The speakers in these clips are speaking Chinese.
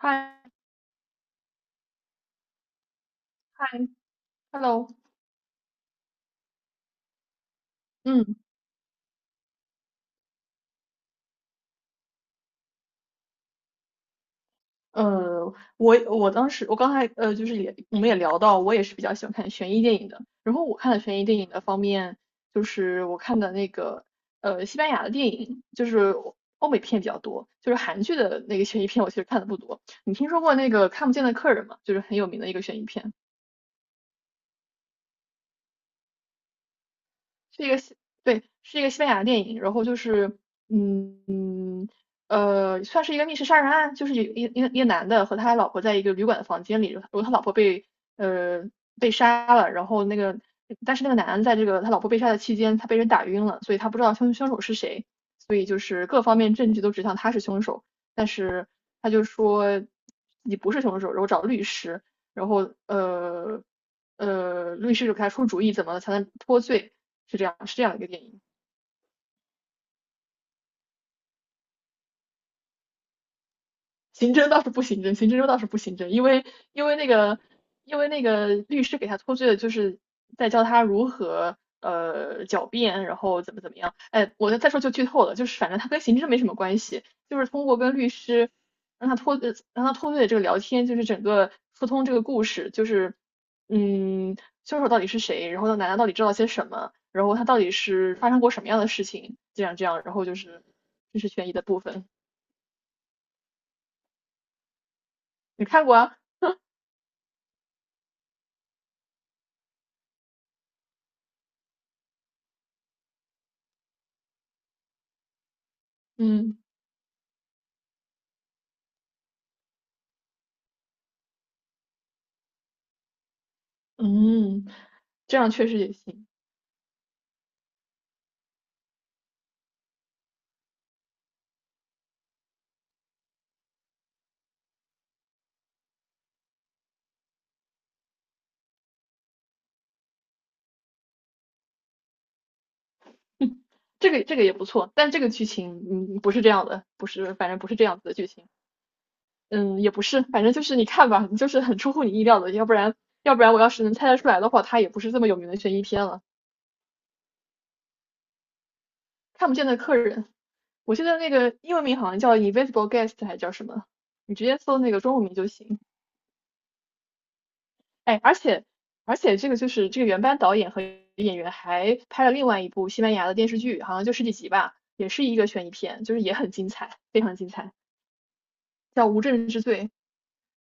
嗨嗨，hello，嗯，呃，我我当时我刚才呃就是也我们也聊到，我也是比较喜欢看悬疑电影的。然后我看的悬疑电影的方面，就是我看的那个西班牙的电影，就是欧美片比较多，就是韩剧的那个悬疑片我其实看的不多。你听说过那个看不见的客人吗？就是很有名的一个悬疑片，是一个西对，是一个西班牙电影。然后就是嗯。算是一个密室杀人案，就是有一个男的和他老婆在一个旅馆的房间里，然后他老婆被呃被杀了，然后那个但是那个男的在这个他老婆被杀的期间，他被人打晕了，所以他不知道凶手是谁，所以就是各方面证据都指向他是凶手，但是他就说自己不是凶手，然后找律师，然后律师就给他出主意怎么才能脱罪，是这样一个电影。刑侦倒是不刑侦，因为因为那个因为那个律师给他脱罪的，就是在教他如何狡辩，然后怎么怎么样。哎，我再说就剧透了，就是反正他跟刑侦没什么关系，就是通过跟律师让他脱罪的这个聊天，就是整个疏通这个故事，就是嗯凶手到底是谁，然后奶奶到底知道些什么，然后他到底是发生过什么样的事情，这样这样，然后就是这是悬疑的部分，你看过啊？嗯。嗯，这样确实也行，这个也不错，但这个剧情嗯不是这样的，不是，反正不是这样子的剧情，嗯，也不是，反正就是你看吧，就是很出乎你意料的，要不然我要是能猜得出来的话，它也不是这么有名的悬疑片了。看不见的客人，我记得那个英文名好像叫《Invisible Guest》还叫什么，你直接搜那个中文名就行。哎，而且这个就是这个原班导演和演员还拍了另外一部西班牙的电视剧，好像就十几集吧，也是一个悬疑片，就是也很精彩，非常精彩，叫《无证之罪》。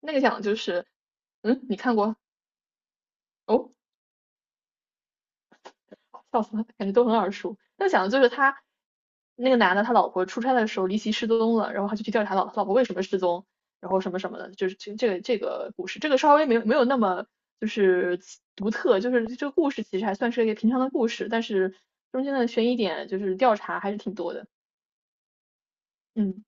那个讲的就是，嗯，你看过？哦，笑死了，感觉都很耳熟。那讲的就是那个男的，他老婆出差的时候离奇失踪了，然后他就去调查老婆为什么失踪，然后什么什么的，就是这个故事，这个稍微没有那么就是独特，就是这个故事其实还算是一个平常的故事，但是中间的悬疑点就是调查还是挺多的。嗯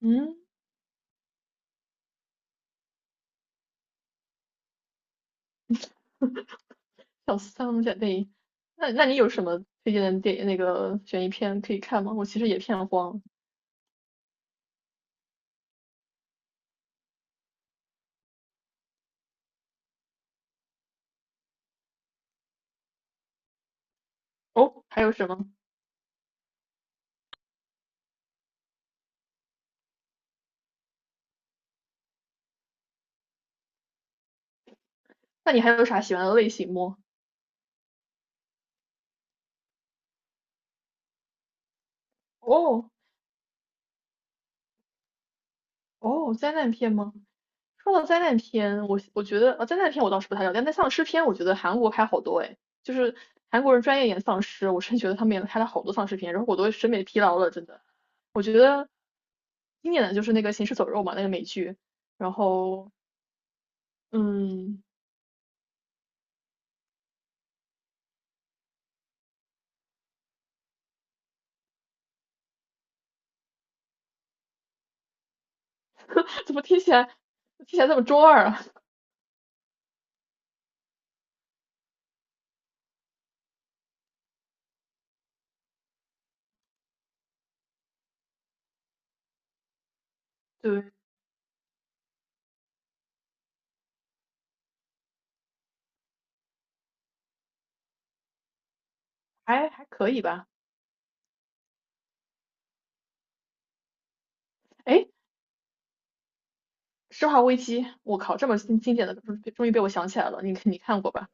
嗯，笑死，三龙姐妹，那你有什么推荐的电那个悬疑片可以看吗？我其实也片荒哦，还有什么？那你还有啥喜欢的类型吗？哦，哦，灾难片吗？说到灾难片，我觉得，灾难片我倒是不太了解，但丧尸片我觉得韩国拍好多诶，就是韩国人专业演丧尸，我真觉得他们也拍了好多丧尸片，然后我都审美疲劳了，真的。我觉得经典的就是那个《行尸走肉》嘛，那个美剧，然后嗯，怎么听起来这么中二啊？对，还还可以吧。哎，《生化危机》，我靠，这么经典的，终于被我想起来了，你看过吧？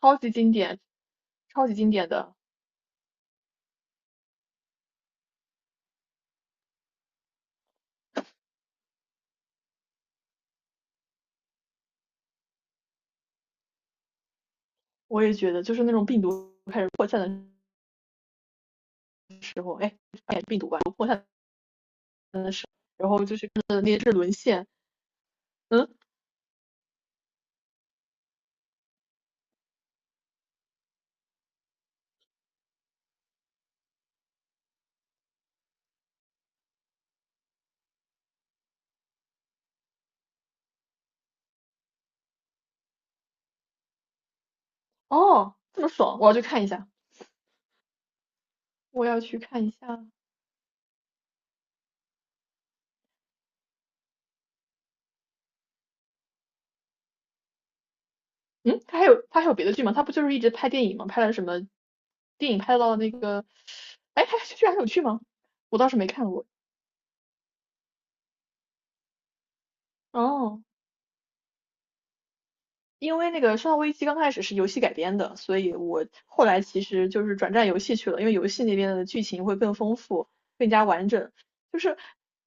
超级经典，超级经典的。我也觉得，就是那种病毒开始扩散的时候，哎，病毒吧，扩散的时候，然后就是看那些是沦陷，嗯，哦，这么爽，我要去看一下，我要去看一下。嗯，他还有别的剧吗？他不就是一直拍电影吗？拍了什么电影？拍到那个，哎，他居然还有剧吗？我倒是没看过。哦，因为那个《生化危机》刚开始是游戏改编的，所以我后来其实就是转战游戏去了，因为游戏那边的剧情会更丰富、更加完整。就是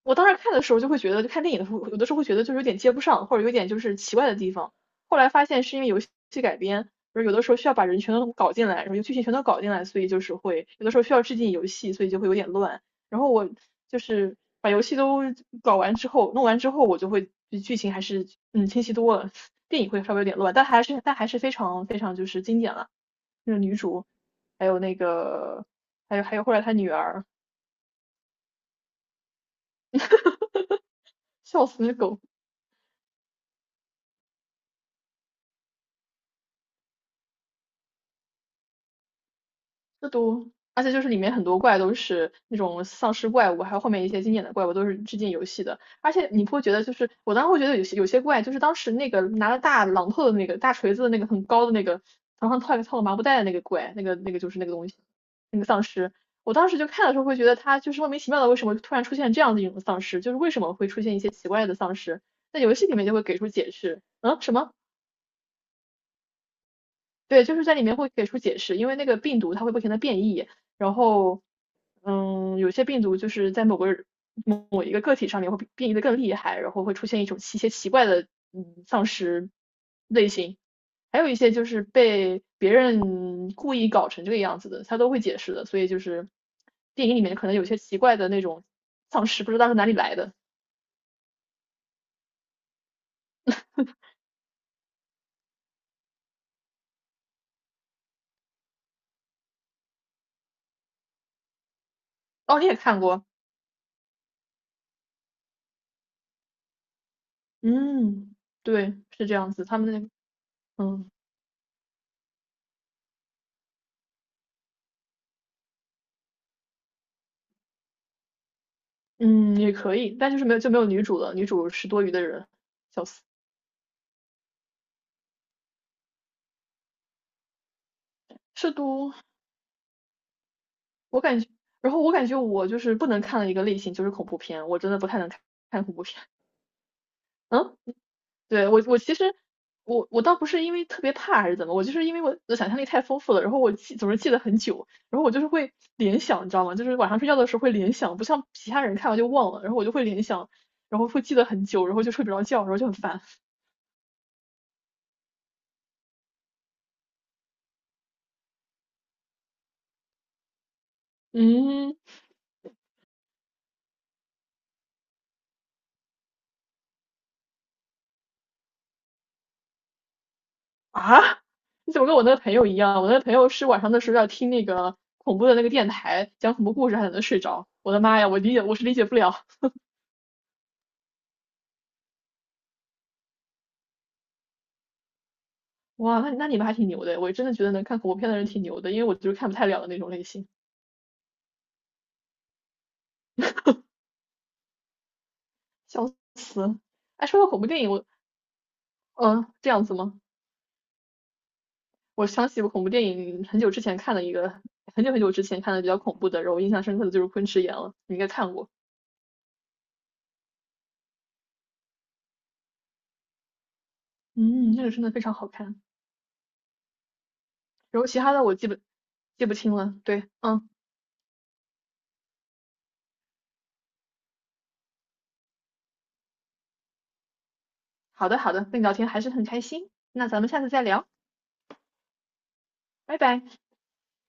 我当时看的时候就会觉得，就看电影的时候，有的时候会觉得就是有点接不上，或者有点就是奇怪的地方。后来发现是因为游戏改编，就是有的时候需要把人全都搞进来，然后剧情全都搞进来，所以就是会有的时候需要致敬游戏，所以就会有点乱。然后我就是把游戏都搞完之后，弄完之后，我就会比剧情还是嗯清晰多了，电影会稍微有点乱，但还是非常就是经典了，就是女主，还有那个还有后来她女儿，笑死狗，这都，而且就是里面很多怪都是那种丧尸怪物，还有后面一些经典的怪物都是致敬游戏的。而且你不会觉得，就是我当时会觉得有些怪，就是当时那个拿着大榔头的那个大锤子的那个很高的那个头上套个麻布袋的那个怪，那个就是那个东西，那个丧尸。我当时就看的时候会觉得他就是莫名其妙的，为什么突然出现这样的一种丧尸？就是为什么会出现一些奇怪的丧尸？在游戏里面就会给出解释。嗯，什么？对，就是在里面会给出解释，因为那个病毒它会不停的变异，然后，嗯，有些病毒就是在某一个个体上面会变异的更厉害，然后会出现一种奇怪的嗯丧尸类型，还有一些就是被别人故意搞成这个样子的，他都会解释的，所以就是电影里面可能有些奇怪的那种丧尸，不知道是哪里来的。哦，你也看过，嗯，对，是这样子，他们那，个嗯。嗯，也可以，但就是没有就没有女主了，女主是多余的人，笑死。是都，我感觉，然后我感觉我就是不能看的一个类型就是恐怖片，我真的不太能看看恐怖片。嗯，对，我我其实我倒不是因为特别怕还是怎么，我就是因为我的想象力太丰富了，然后总是记得很久，然后我就是会联想，你知道吗？就是晚上睡觉的时候会联想，不像其他人看完就忘了，然后我就会联想，然后会记得很久，然后就睡不着觉，然后就很烦。嗯。啊，你怎么跟我那个朋友一样？我那个朋友是晚上的时候要听那个恐怖的那个电台讲恐怖故事，还能睡着。我的妈呀，我是理解不了。哇，那那你们还挺牛的，我真的觉得能看恐怖片的人挺牛的，因为我就是看不太了的那种类型，笑死。哎，说到恐怖电影，我嗯、这样子吗？我想起我恐怖电影很久之前看的一个，很久很久之前看的比较恐怖的，然后我印象深刻的就是《昆池岩》了，你应该看过。嗯，那个真的非常好看。然后其他的我记不清了。对，嗯。好的，好的，跟你聊天还是很开心，那咱们下次再聊，拜拜。